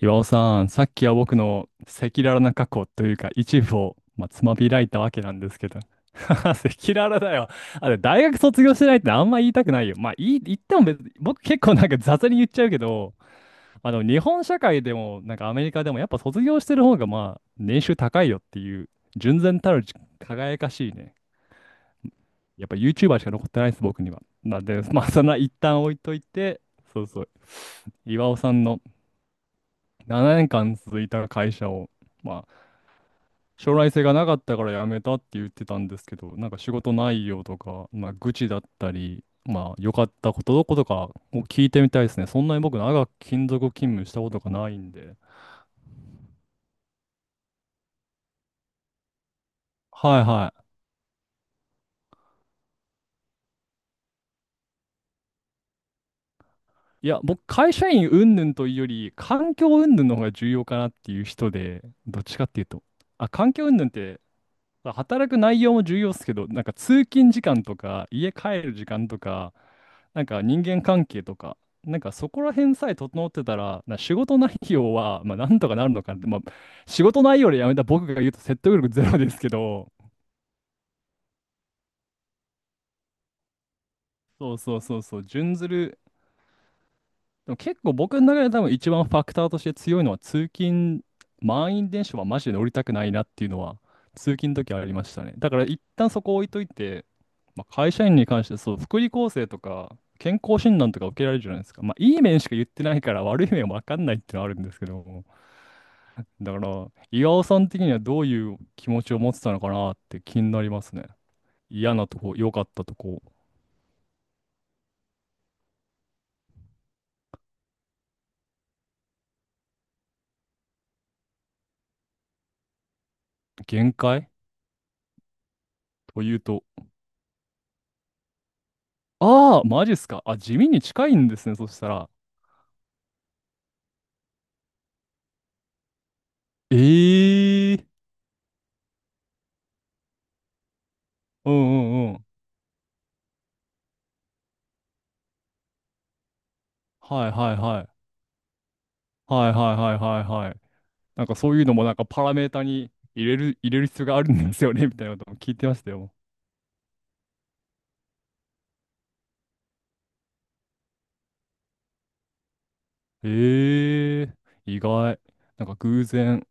岩尾さん、さっきは僕の赤裸々な過去というか一部を、つまびらいたわけなんですけど。赤裸々だよ。あれ、大学卒業してないってあんま言いたくないよ。まあ、いい、言っても別に、僕結構なんか雑に言っちゃうけど、日本社会でも、なんかアメリカでも、やっぱ卒業してる方が、年収高いよっていう、純然たる輝かしいね。やっぱ YouTuber しか残ってないです、僕には。なんで、まあ、そんな一旦置いといて、そうそう。岩尾さんの、7年間続いた会社を、まあ、将来性がなかったから辞めたって言ってたんですけど、なんか仕事内容とか、まあ、愚痴だったり、まあ、良かったことどことかを聞いてみたいですね。そんなに僕、長く勤続勤務したことがないんで。はいはい。いや、僕、会社員云々というより、環境云々の方が重要かなっていう人で、どっちかっていうと。あ、環境云々って、働く内容も重要ですけど、なんか通勤時間とか、家帰る時間とか、なんか人間関係とか、なんかそこら辺さえ整ってたら、な仕事内容は、まあ、なんとかなるのかなって、まあ、仕事内容でやめた僕が言うと説得力ゼロですけど、そうそうそうそう、準ずる。でも結構僕の中で多分一番ファクターとして強いのは通勤、満員電車はマジで乗りたくないなっていうのは通勤の時はありましたね。だから一旦そこ置いといて、まあ、会社員に関してそう、福利厚生とか健康診断とか受けられるじゃないですか。まあいい面しか言ってないから悪い面は分かんないってのはあるんですけども。だから岩尾さん的にはどういう気持ちを持ってたのかなって気になりますね。嫌なとこ、良かったとこ、限界というと、ああ、マジっすか。あ、地味に近いんですね、そしたら。ええ。うんうんうん。はいはいはい。はいはいはいはいはい。なんかそういうのもなんかパラメータに入れる必要があるんですよね、みたいなことも聞いてましたよ。ええ。意外。なんか偶然。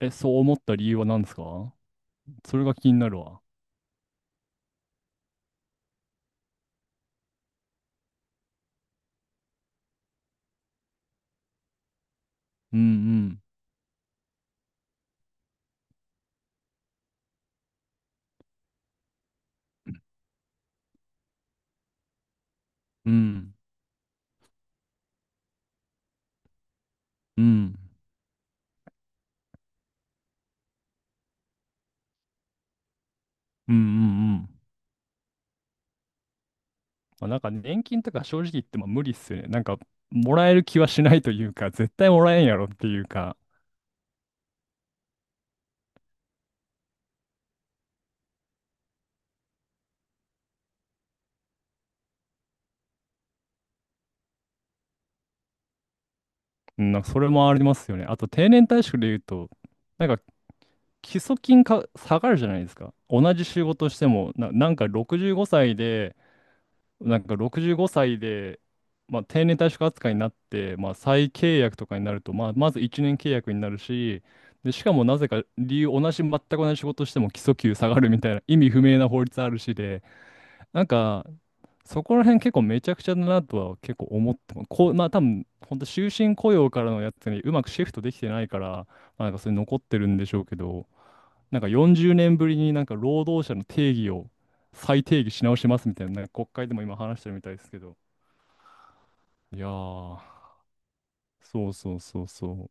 え、そう思った理由は何ですか。それが気になるわ。うんうん。うん。うんうんうんうん。まあ、なんか年金とか正直言っても無理っすよね。なんかもらえる気はしないというか、絶対もらえんやろっていうか。うん、なんかそれもありますよね。あと定年退職で言うと、なんか基礎金か下がるじゃないですか。同じ仕事しても、な、なんか65歳で、なんか65歳で、まあ、定年退職扱いになって、まあ、再契約とかになると、まあ、まず1年契約になるし、で、しかもなぜか理由、同じ、全く同じ仕事しても基礎給下がるみたいな意味不明な法律あるしで、なんか、そこら辺結構めちゃくちゃだなとは結構思っても、こう、まあ多分、本当終身雇用からのやつにうまくシフトできてないから、まあなんかそれ残ってるんでしょうけど、なんか40年ぶりになんか労働者の定義を再定義し直しますみたいな、なんか国会でも今話してるみたいですけど。いやー、そうそうそうそう。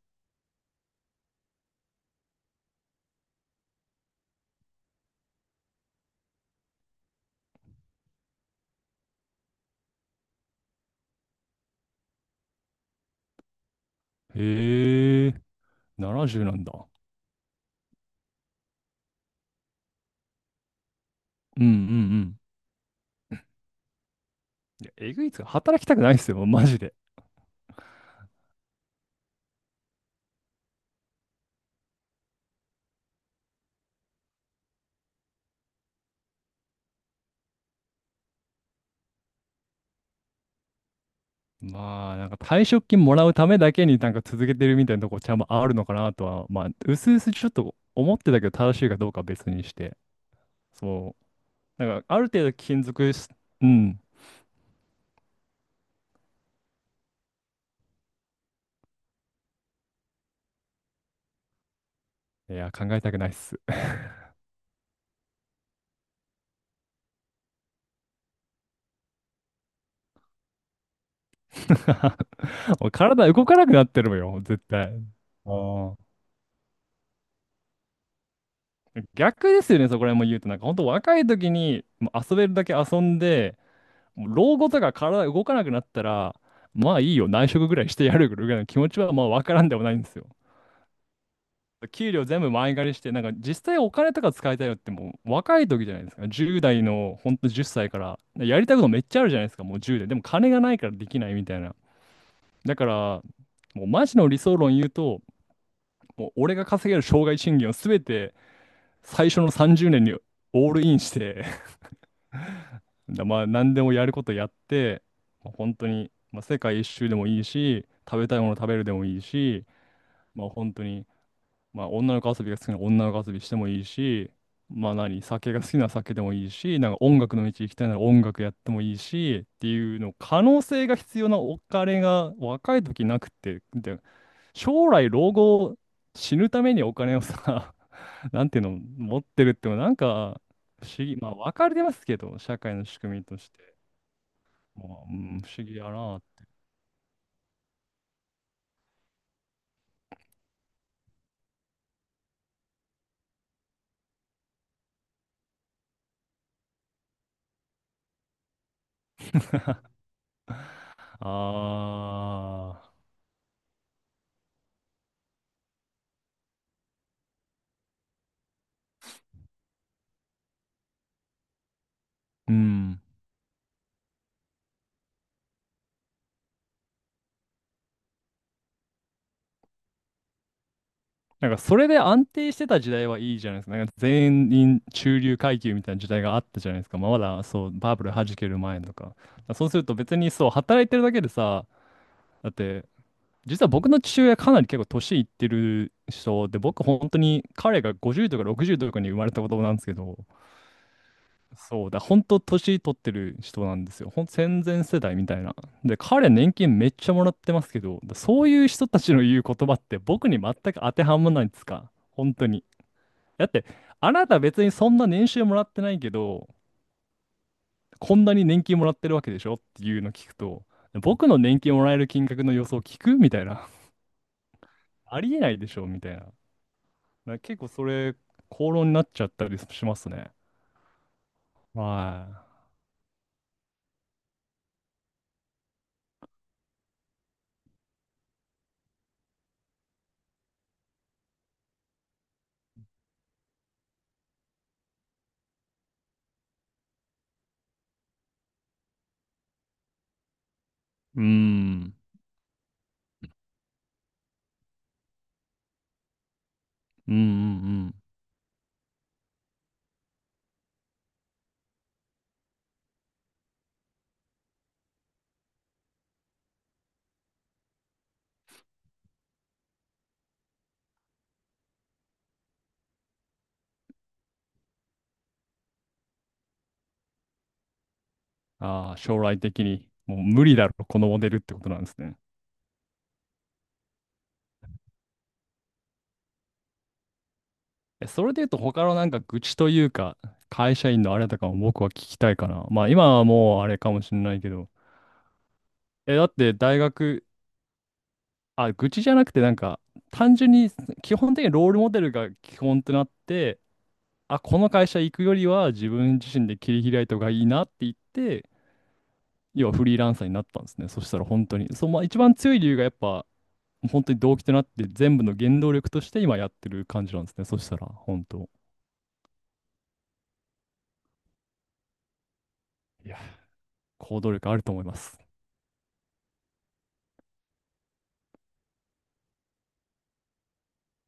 へえー、70なじゅうなんだ。うんうんうん。いや、えぐいっすよ。働きたくないっすよ、マジで。まあ、なんか退職金もらうためだけになんか続けてるみたいなとこちゃんとあるのかなとは、まあ、うすうすちょっと思ってたけど、正しいかどうかは別にして。そう。なんか、ある程度勤続し、うん。いや、考えたくないっす。もう体動かなくなってるよ、絶対。ああ。逆ですよね、そこら辺も言うと。なんか、本当若い時にもう遊べるだけ遊んで、もう老後とか体動かなくなったら、まあいいよ、内職ぐらいしてやるぐらいの気持ちはまあわからんでもないんですよ。給料全部前借りして、なんか実際お金とか使いたいのってもう若い時じゃないですか。10代のほんと10歳から、やりたいことめっちゃあるじゃないですか、もう10で。でも金がないからできないみたいな。だから、もうマジの理想論言うと、もう俺が稼げる生涯賃金を全て最初の30年にオールインして だまあ何でもやることやって、まあ、本当に、まあ、世界一周でもいいし、食べたいもの食べるでもいいし、まあ本当に。まあ、女の子遊びが好きなら女の子遊びしてもいいし、まあ何、酒が好きなら酒でもいいし、なんか音楽の道行きたいなら音楽やってもいいし、っていうの、可能性が必要なお金が若い時なくて、で、将来老後死ぬためにお金をさ、なんていうの、持ってるってのはなんか不思議、まあ分かりますけど、社会の仕組みとして。まあ、うん、不思議やなって。ああ、うん。なんかそれで安定してた時代はいいじゃないですか。なんか全員中流階級みたいな時代があったじゃないですか。まあ、まだそうバブル弾ける前とか。だからそうすると別にそう働いてるだけでさ、だって実は僕の父親かなり結構年いってる人で、僕本当に彼が50とか60とかに生まれた子供なんですけど、そうだ、本当年取ってる人なんですよ。ほん戦前世代みたいな。で、彼年金めっちゃもらってますけど、だそういう人たちの言う言葉って僕に全く当てはまらないんですか。本当に。だって、あなた別にそんな年収もらってないけど、こんなに年金もらってるわけでしょっていうの聞くと、僕の年金もらえる金額の予想聞くみたいな。ありえないでしょみたいな。だから結構それ、口論になっちゃったりしますね。はい。うーん。うんうんうん。ああ、将来的に、もう無理だろ、このモデルってことなんですね。えそれで言うと、他のなんか愚痴というか、会社員のあれとかも僕は聞きたいかな。まあ今はもうあれかもしれないけど、え、だって大学、あ、愚痴じゃなくて、なんか、単純に、基本的にロールモデルが基本となって、あ、この会社行くよりは自分自身で切り開いた方がいいなって言って、要はフリーランサーになったんですね。そしたら本当に。そう、まあ一番強い理由がやっぱ、本当に動機となって全部の原動力として今やってる感じなんですね。そしたら、本当。いや、行動力あると思います。